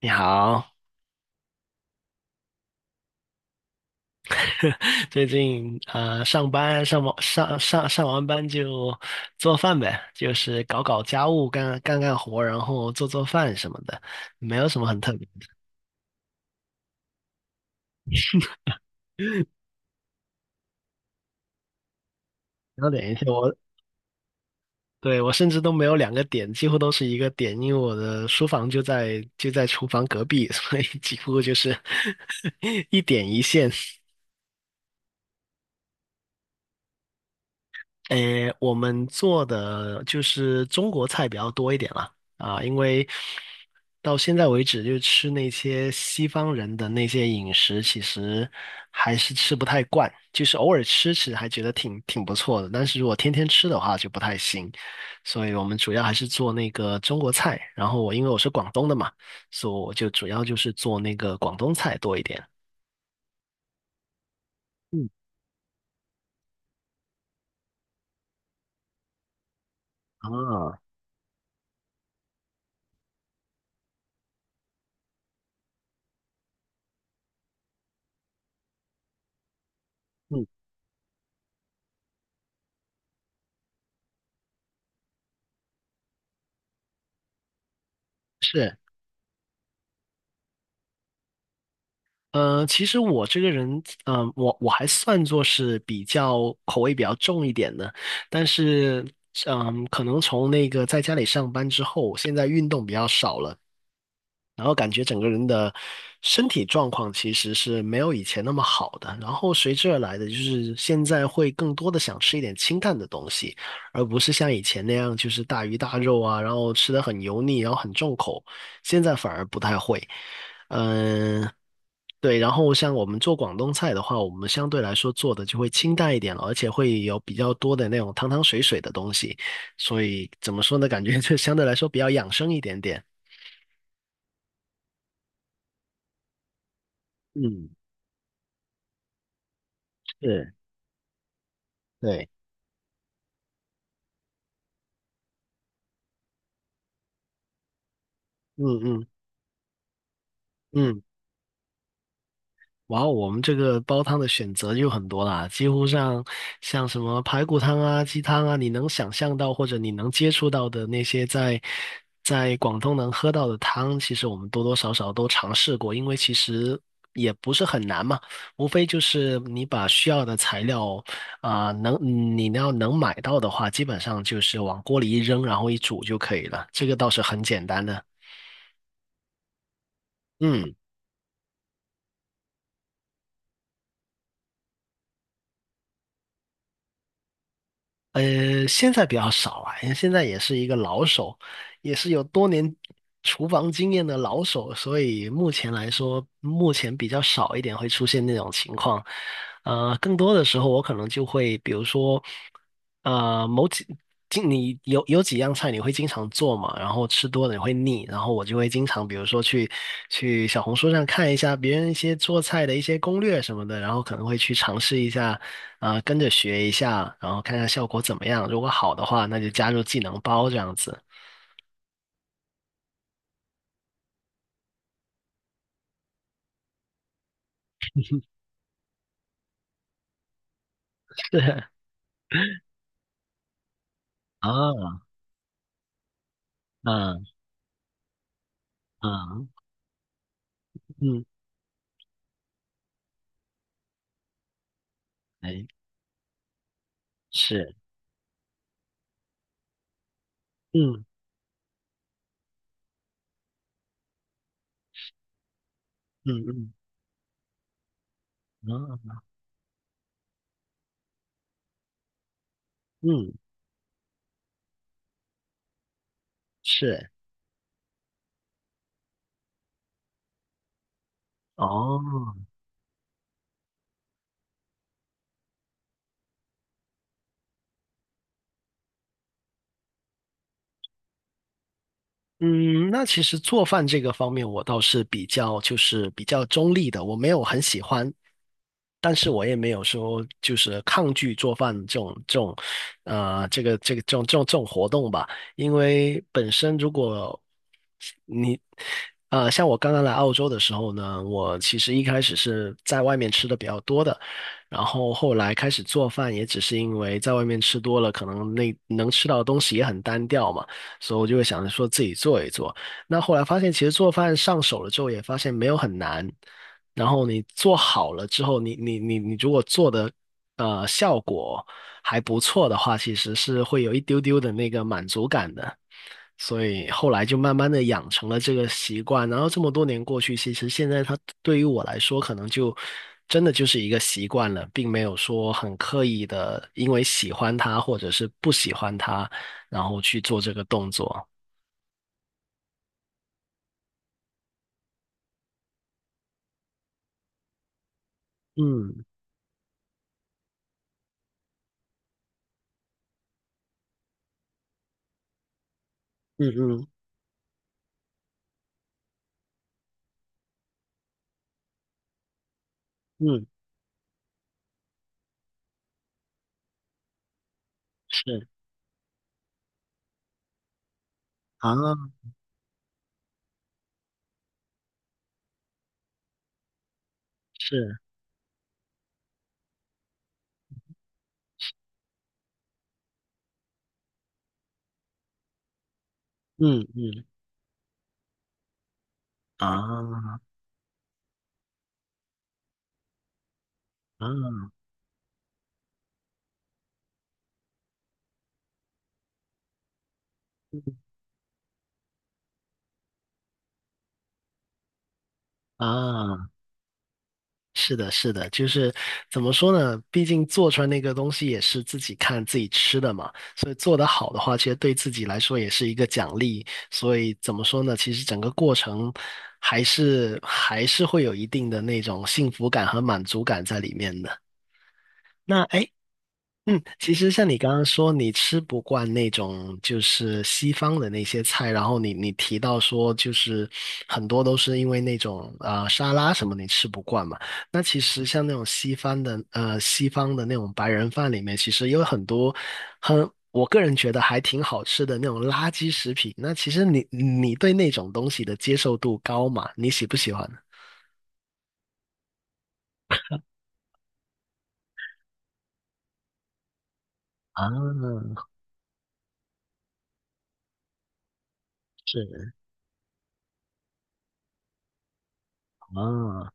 你好。最近上班上完上完班就做饭呗，就是搞搞家务，干干干活，然后做做饭什么的，没有什么很特别的。然后等一下我，对，我甚至都没有两个点，几乎都是一个点，因为我的书房就在厨房隔壁，所以几乎就是 一点一线。诶，我们做的就是中国菜比较多一点啦，啊，因为到现在为止，就吃那些西方人的那些饮食，其实还是吃不太惯，就是偶尔吃吃还觉得挺不错的，但是如果天天吃的话就不太行，所以我们主要还是做那个中国菜，然后因为我是广东的嘛，所以我就主要就是做那个广东菜多一点。嗯，啊，嗯，是。其实我这个人，我还算作是比较口味比较重一点的，但是，可能从那个在家里上班之后，现在运动比较少了，然后感觉整个人的身体状况其实是没有以前那么好的，然后随之而来的就是现在会更多的想吃一点清淡的东西，而不是像以前那样就是大鱼大肉啊，然后吃的很油腻，然后很重口，现在反而不太会。嗯，对，然后像我们做广东菜的话，我们相对来说做的就会清淡一点了，而且会有比较多的那种汤汤水水的东西，所以怎么说呢，感觉就相对来说比较养生一点点。嗯，是。对，嗯，嗯，嗯，哇，后我们这个煲汤的选择就很多啦，几乎上像什么排骨汤啊、鸡汤啊，你能想象到或者你能接触到的那些在广东能喝到的汤，其实我们多多少少都尝试过，因为其实也不是很难嘛，无非就是你把需要的材料啊、你要能买到的话，基本上就是往锅里一扔，然后一煮就可以了，这个倒是很简单的。嗯，现在比较少啊，因为现在也是一个老手，也是有多年厨房经验的老手，所以目前来说，目前比较少一点会出现那种情况。更多的时候我可能就会，比如说，呃，某几，你有几样菜你会经常做嘛，然后吃多了你会腻，然后我就会经常，比如说去小红书上看一下别人一些做菜的一些攻略什么的，然后可能会去尝试一下。啊，跟着学一下，然后看看效果怎么样。如果好的话，那就加入技能包这样子。啊，嗯，嗯，嗯，哎，是，嗯，嗯，嗯，嗯，嗯，是。哦，嗯，那其实做饭这个方面，我倒是比较中立的，我没有很喜欢，但是我也没有说就是抗拒做饭这个这种活动吧，因为本身如果你，像我刚刚来澳洲的时候呢，我其实一开始是在外面吃的比较多的，然后后来开始做饭，也只是因为在外面吃多了，可能那能吃到的东西也很单调嘛，所以我就会想着说自己做一做。那后来发现，其实做饭上手了之后，也发现没有很难。然后你做好了之后，你如果做的效果还不错的话，其实是会有一丢丢的那个满足感的。所以后来就慢慢的养成了这个习惯，然后这么多年过去，其实现在它对于我来说，可能就真的就是一个习惯了，并没有说很刻意的因为喜欢它或者是不喜欢它，然后去做这个动作。嗯，嗯，嗯，嗯，是，是，嗯，嗯，啊，啊。啊，是的，是的，就是怎么说呢？毕竟做出来那个东西也是自己看自己吃的嘛，所以做得好的话，其实对自己来说也是一个奖励。所以怎么说呢？其实整个过程还是会有一定的那种幸福感和满足感在里面的。那哎，诶，嗯，其实像你刚刚说，你吃不惯那种就是西方的那些菜，然后你提到说，就是很多都是因为那种沙拉什么你吃不惯嘛。那其实像那种西方的那种白人饭里面，其实有很多我个人觉得还挺好吃的那种垃圾食品。那其实你对那种东西的接受度高嘛？你喜不喜欢？啊，是啊，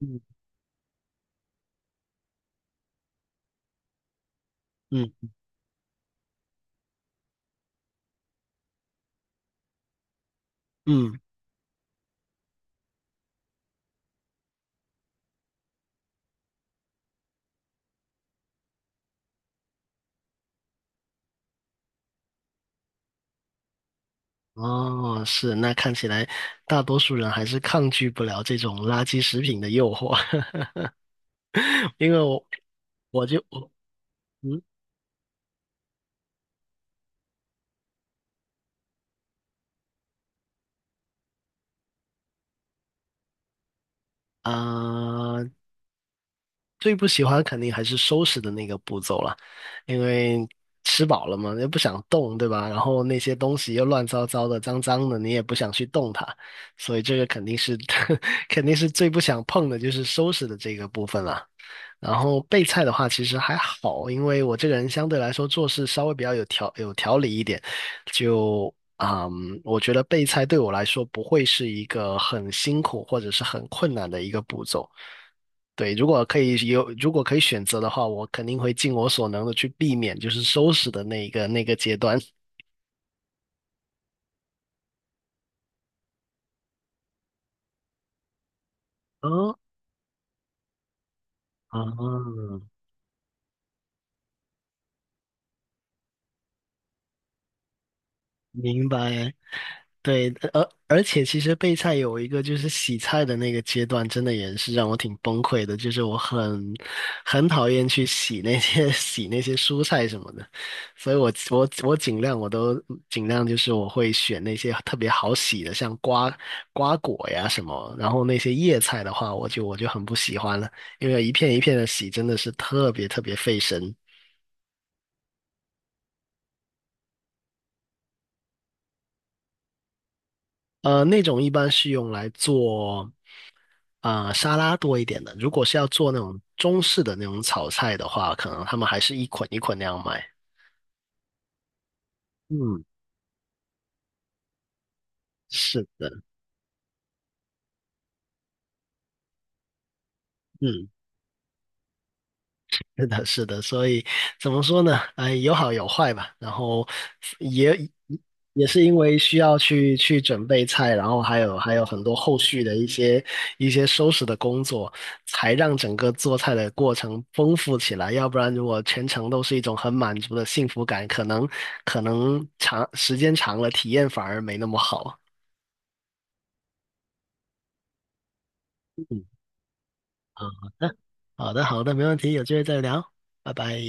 嗯，嗯，嗯。哦，是，那看起来大多数人还是抗拒不了这种垃圾食品的诱惑，因为我嗯，啊。最不喜欢肯定还是收拾的那个步骤了，因为吃饱了嘛，又不想动，对吧？然后那些东西又乱糟糟的、脏脏的，你也不想去动它，所以这个肯定是 肯定是最不想碰的，就是收拾的这个部分了。然后备菜的话，其实还好，因为我这个人相对来说做事稍微比较有条理一点，就。嗯，我觉得备菜对我来说不会是一个很辛苦或者是很困难的一个步骤。对，如果可以有，如果可以选择的话，我肯定会尽我所能的去避免，就是收拾的那个阶段。哦，啊，明白。对，而且其实备菜有一个就是洗菜的那个阶段，真的也是让我挺崩溃的。就是我很讨厌去洗那些 洗那些蔬菜什么的，所以我尽量就是我会选那些特别好洗的，像瓜果呀什么。然后那些叶菜的话，我就很不喜欢了，因为一片一片的洗真的是特别特别费神。那种一般是用来做。啊、沙拉多一点的。如果是要做那种中式的那种炒菜的话，可能他们还是一捆一捆那样卖。嗯，是的，嗯。是的，是的，所以怎么说呢？哎，有好有坏吧。然后也也是因为需要去准备菜，然后还有很多后续的一些收拾的工作，才让整个做菜的过程丰富起来。要不然，如果全程都是一种很满足的幸福感，可能长时间长了，体验反而没那么好。嗯，好的，好的，好的，没问题，有机会再聊，拜拜。